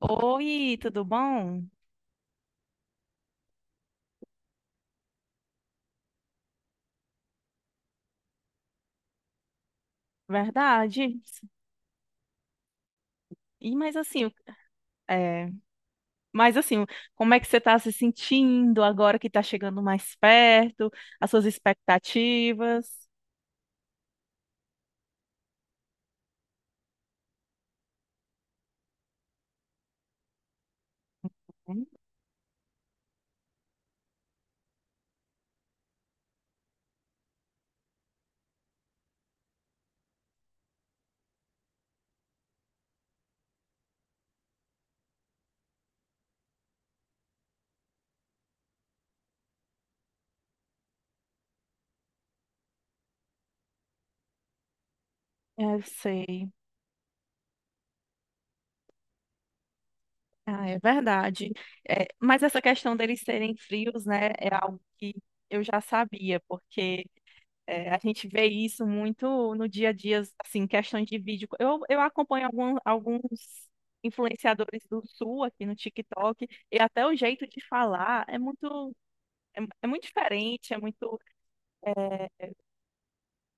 Oi, tudo bom? Verdade. E mas assim, é, mas assim, como é que você está se sentindo agora que está chegando mais perto? As suas expectativas? Hum. Eu sei. Ah, é verdade. É, mas essa questão deles serem frios, né, é algo que eu já sabia, porque É, a gente vê isso muito no dia a dia, assim, questões de vídeo. Eu acompanho alguns influenciadores do Sul aqui no TikTok, e até o jeito de falar é é muito diferente, é muito é,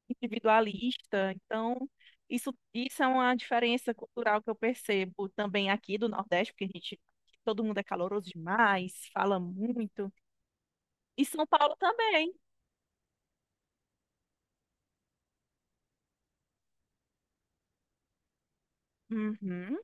individualista. Então, isso é uma diferença cultural que eu percebo também aqui do Nordeste, porque a gente, todo mundo é caloroso demais, fala muito. E São Paulo também. Uhum.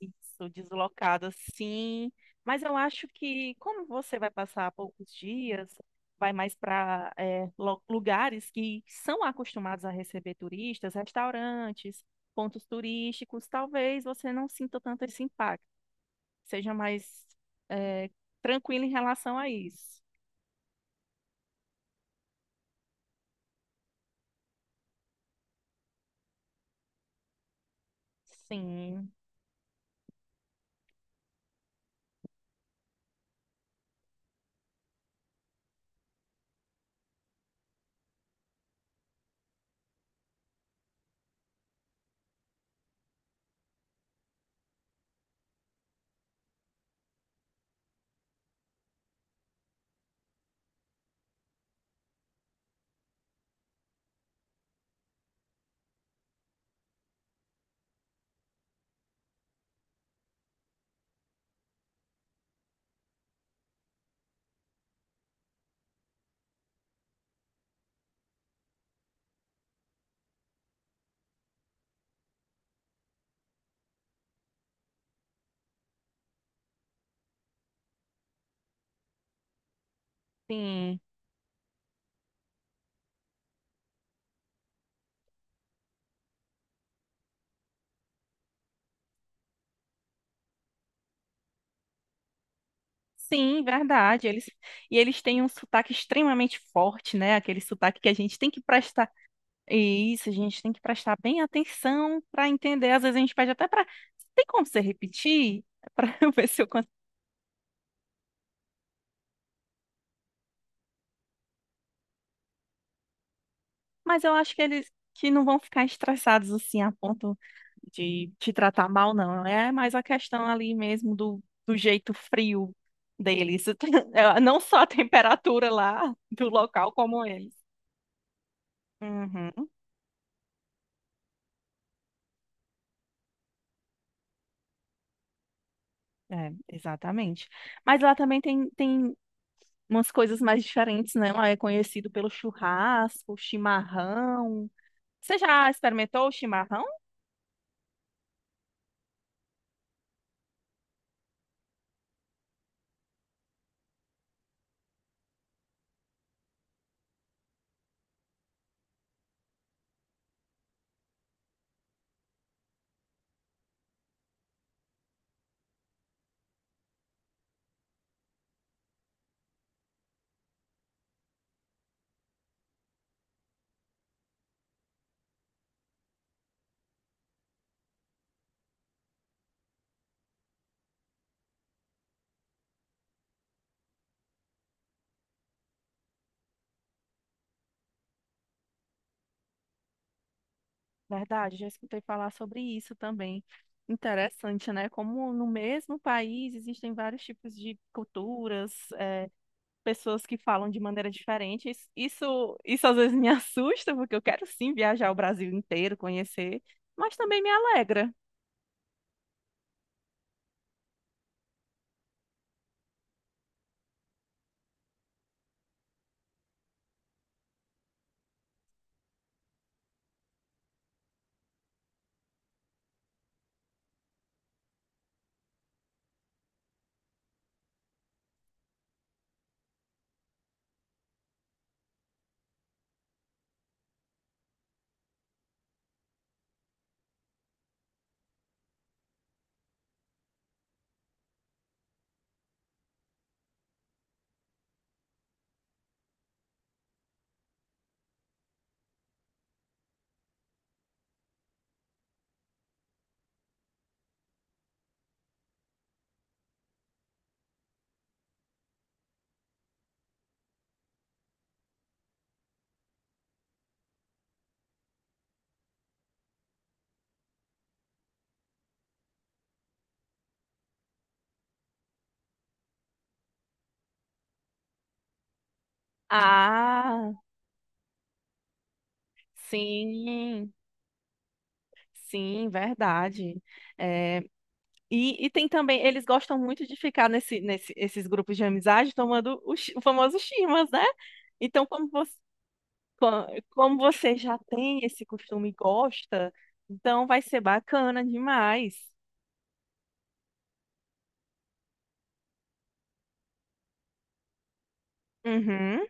Isso, deslocada, sim. Mas eu acho que, como você vai passar poucos dias, vai mais para lugares que são acostumados a receber turistas, restaurantes, pontos turísticos, talvez você não sinta tanto esse impacto. Seja mais é, tranquilo em relação a isso. Sim, sim. Sim, verdade. Eles, e eles têm um sotaque extremamente forte, né? Aquele sotaque que a gente tem que prestar. E isso, a gente tem que prestar bem atenção para entender. Às vezes a gente pede até para. Tem como você repetir? Para eu ver se eu consigo. Mas eu acho que eles que não vão ficar estressados assim a ponto de te tratar mal, não. É mais a questão ali mesmo do jeito frio deles. É. Não só a temperatura lá do local, como eles. Uhum, é, exatamente. Mas lá também tem umas coisas mais diferentes, né? Lá é conhecido pelo churrasco, chimarrão. Você já experimentou o chimarrão? Verdade, já escutei falar sobre isso também. Interessante, né? Como no mesmo país existem vários tipos de culturas, pessoas que falam de maneira diferente. Isso às vezes me assusta, porque eu quero sim viajar o Brasil inteiro, conhecer, mas também me alegra. Ah, sim, sim, verdade. É, E, e tem também, eles gostam muito de ficar esses grupos de amizade tomando o, o famoso chimas, né? Então, como você já tem esse costume e gosta, então vai ser bacana demais. Uhum.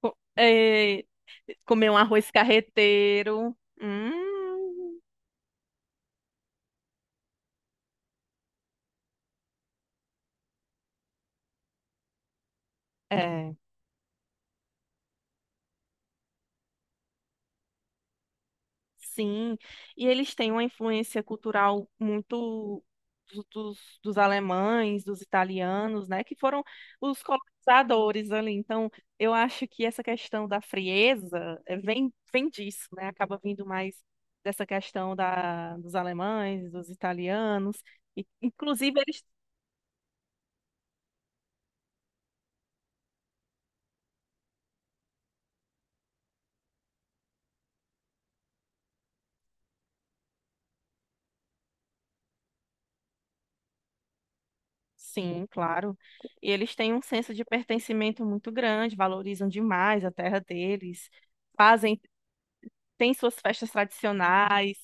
Co- é, Comer um arroz carreteiro. É. Sim, e eles têm uma influência cultural muito dos, dos alemães, dos italianos, né, que foram os colonizadores ali. Então, eu acho que essa questão da frieza vem disso, né, acaba vindo mais dessa questão da, dos alemães, dos italianos, e, inclusive eles, sim, claro, e eles têm um senso de pertencimento muito grande, valorizam demais a terra deles, fazem, têm suas festas tradicionais.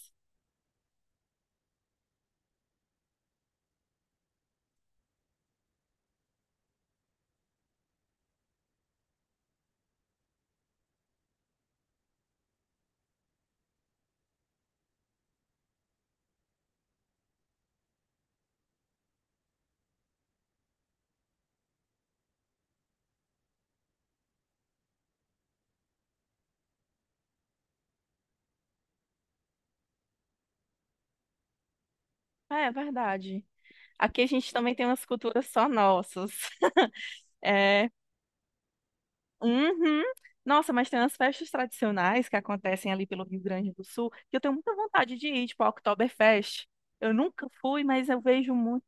É, é verdade. Aqui a gente também tem umas culturas só nossas. É, uhum. Nossa, mas tem umas festas tradicionais que acontecem ali pelo Rio Grande do Sul que eu tenho muita vontade de ir, tipo a Oktoberfest. Eu nunca fui, mas eu vejo muito.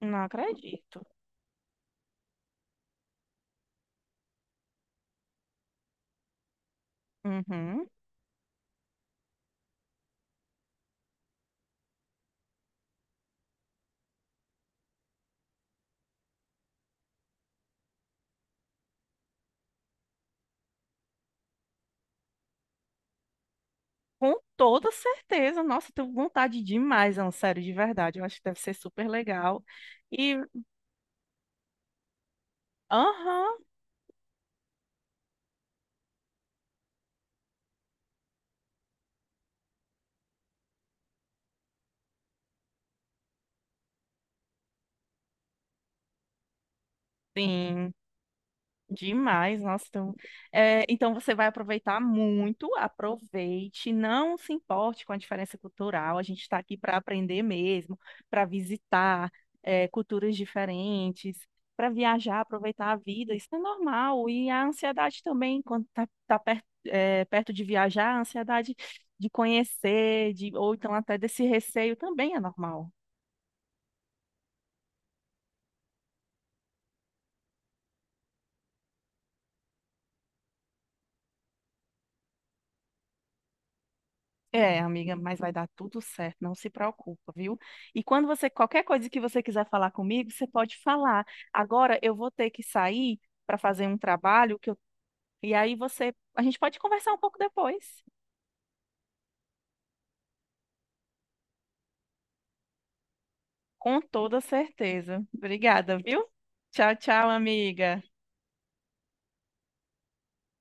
Não acredito. Uhum. Com toda certeza. Nossa, eu tenho vontade demais, não, sério, de verdade. Eu acho que deve ser super legal. E, aham, sim. Demais, nossa. Então, então você vai aproveitar muito, aproveite, não se importe com a diferença cultural. A gente está aqui para aprender mesmo, para visitar, culturas diferentes, para viajar, aproveitar a vida. Isso é normal. E a ansiedade também, quando tá perto, perto de viajar, a ansiedade de conhecer, de, ou então até desse receio também é normal. É, amiga, mas vai dar tudo certo, não se preocupa, viu? E quando você, qualquer coisa que você quiser falar comigo, você pode falar. Agora eu vou ter que sair para fazer um trabalho que eu, e aí você, a gente pode conversar um pouco depois, com toda certeza. Obrigada, viu? Tchau, tchau, amiga.